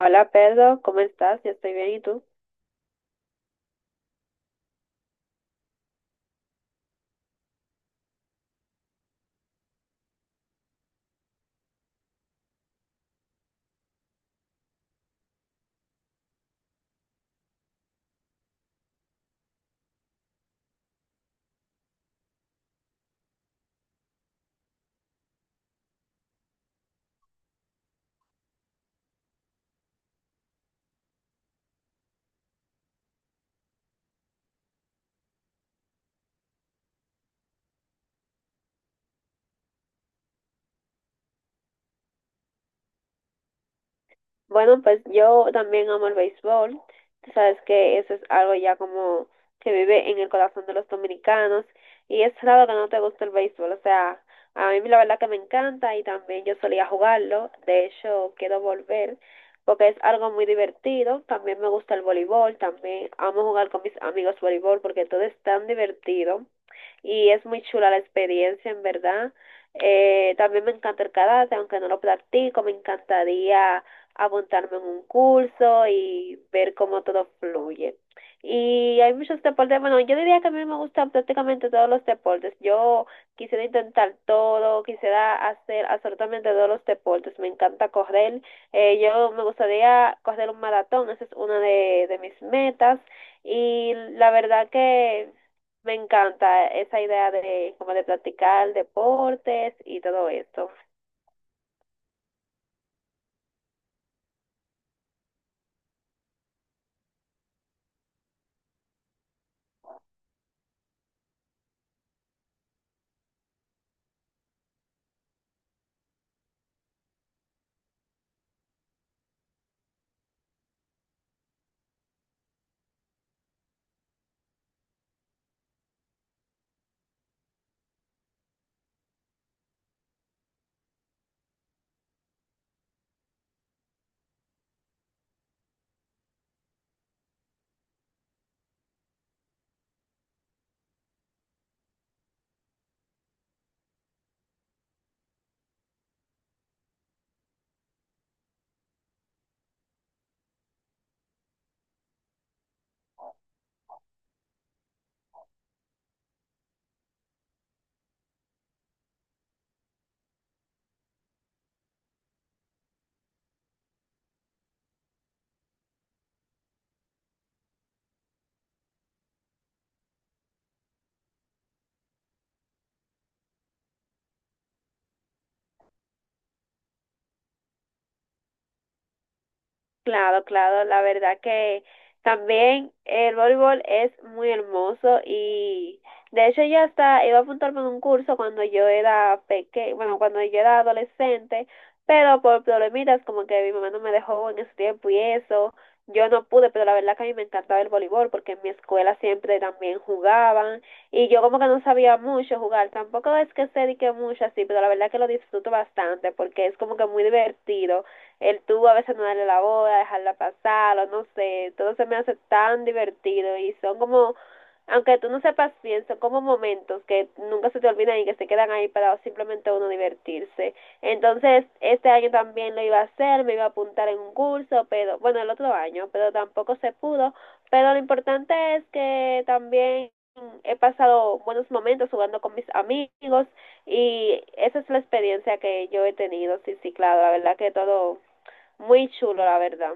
Hola Pedro, ¿cómo estás? Yo estoy bien, ¿y tú? Bueno, pues yo también amo el béisbol. Tú sabes que eso es algo ya como que vive en el corazón de los dominicanos y es raro que no te guste el béisbol. O sea, a mí la verdad que me encanta y también yo solía jugarlo. De hecho, quiero volver porque es algo muy divertido. También me gusta el voleibol, también amo jugar con mis amigos voleibol porque todo es tan divertido. Y es muy chula la experiencia, en verdad. También me encanta el karate, aunque no lo practico, me encantaría apuntarme en un curso y ver cómo todo fluye. Y hay muchos deportes, bueno, yo diría que a mí me gustan prácticamente todos los deportes. Yo quisiera intentar todo, quisiera hacer absolutamente todos los deportes. Me encanta correr. Yo me gustaría correr un maratón, esa es una de mis metas. Y la verdad que me encanta esa idea de como de practicar deportes y todo esto. Claro, claro, la verdad que también el voleibol es muy hermoso y de hecho ya hasta iba a apuntarme en un curso cuando yo era pequeña, bueno, cuando yo era adolescente, pero por problemitas como que mi mamá no me dejó en ese tiempo y eso, yo no pude, pero la verdad que a mí me encantaba el voleibol porque en mi escuela siempre también jugaban y yo como que no sabía mucho jugar, tampoco es que sé de que mucho así, pero la verdad que lo disfruto bastante porque es como que muy divertido el tú a veces no darle la boda, dejarla pasar, o no sé, todo se me hace tan divertido y son como, aunque tú no sepas bien, son como momentos que nunca se te olvidan y que se quedan ahí para simplemente uno divertirse. Entonces, este año también lo iba a hacer, me iba a apuntar en un curso, pero bueno, el otro año, pero tampoco se pudo. Pero lo importante es que también he pasado buenos momentos jugando con mis amigos y esa es la experiencia que yo he tenido. Sí, sí, claro, la verdad que todo muy chulo, la verdad.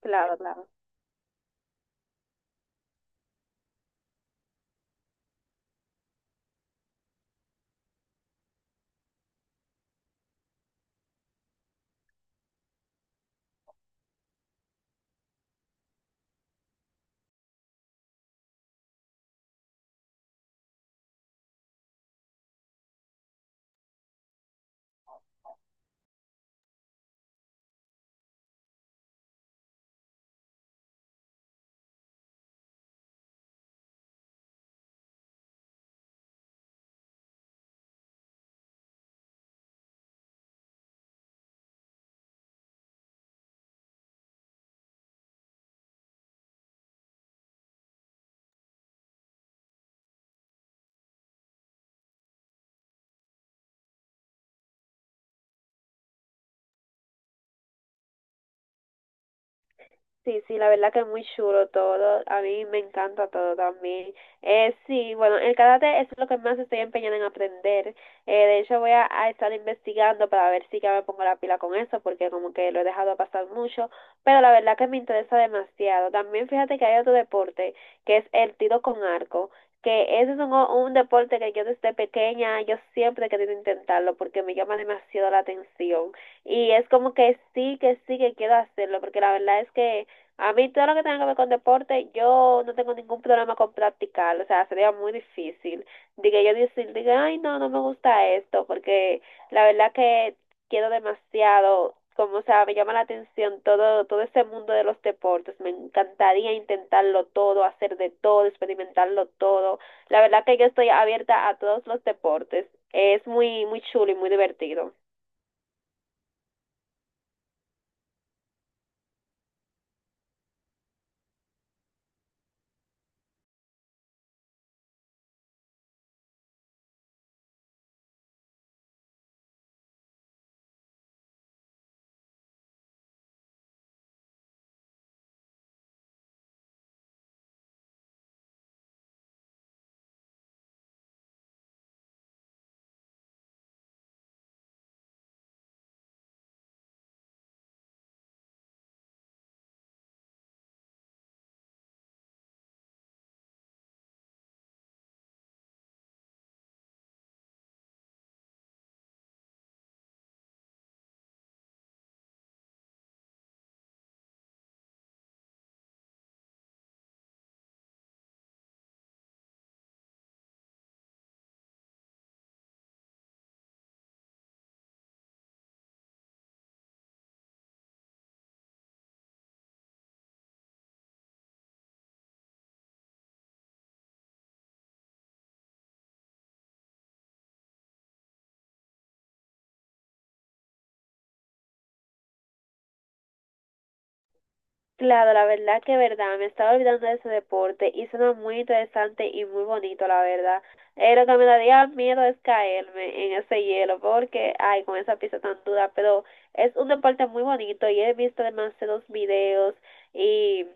Claro, claro. Sí, sí, la verdad que es muy chulo todo. A mí me encanta todo también. Sí, bueno, el karate es lo que más estoy empeñada en aprender. De hecho, voy a estar investigando para ver si ya me pongo la pila con eso, porque como que lo he dejado pasar mucho. Pero la verdad que me interesa demasiado. También fíjate que hay otro deporte, que es el tiro con arco. Que ese es un deporte que yo desde pequeña, yo siempre he querido intentarlo porque me llama demasiado la atención. Y es como que sí, que sí, que quiero hacerlo, porque la verdad es que a mí todo lo que tenga que ver con deporte, yo no tengo ningún problema con practicarlo, o sea, sería muy difícil. Diga yo decir, diga, ay, no, no me gusta esto, porque la verdad que quiero demasiado, como, o sea, me llama la atención todo, todo ese mundo de los deportes, me encantaría intentarlo todo, hacer de todo, experimentarlo todo. La verdad que yo estoy abierta a todos los deportes, es muy, muy chulo y muy divertido. Claro, la verdad que verdad, me estaba olvidando de ese deporte y suena muy interesante y muy bonito, la verdad. Lo que me daría miedo es caerme en ese hielo porque, ay, con esa pista tan dura, pero es un deporte muy bonito y he visto demasiados videos y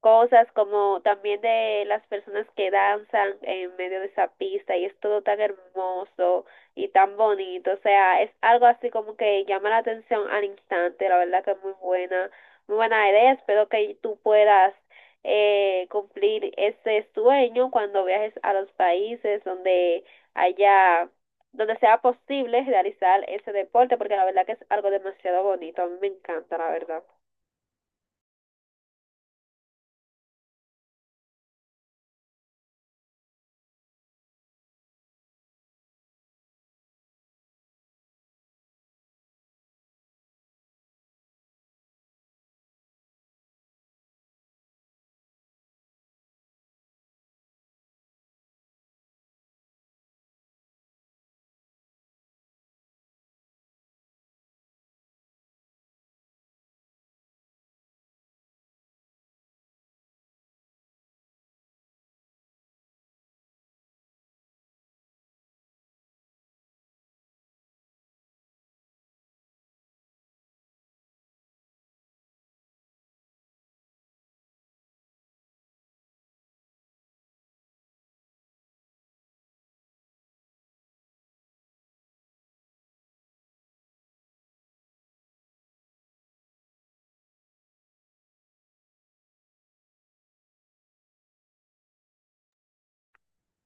cosas como también de las personas que danzan en medio de esa pista y es todo tan hermoso y tan bonito, o sea, es algo así como que llama la atención al instante, la verdad que es muy buena idea, espero que tú puedas cumplir ese sueño cuando viajes a los países donde haya, donde sea posible realizar ese deporte, porque la verdad que es algo demasiado bonito, a mí me encanta, la verdad.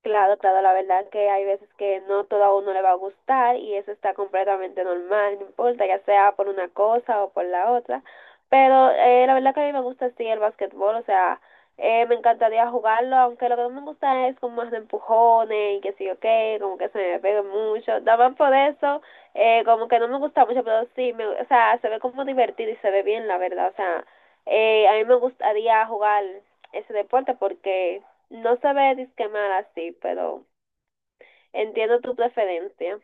Claro, claro, la verdad que hay veces que no todo a uno le va a gustar y eso está completamente normal, no importa, ya sea por una cosa o por la otra. Pero la verdad que a mí me gusta sí el básquetbol. O sea, me encantaría jugarlo, aunque lo que no me gusta es como más de empujones y que sí, ok, como que se me pegue mucho. También por eso, como que no me gusta mucho, pero sí, me, o sea, se ve como divertido y se ve bien, la verdad. O sea, a mí me gustaría jugar ese deporte porque no sabré disquemar así, pero entiendo tu preferencia.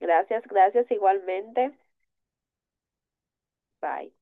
Gracias, gracias igualmente. Bye.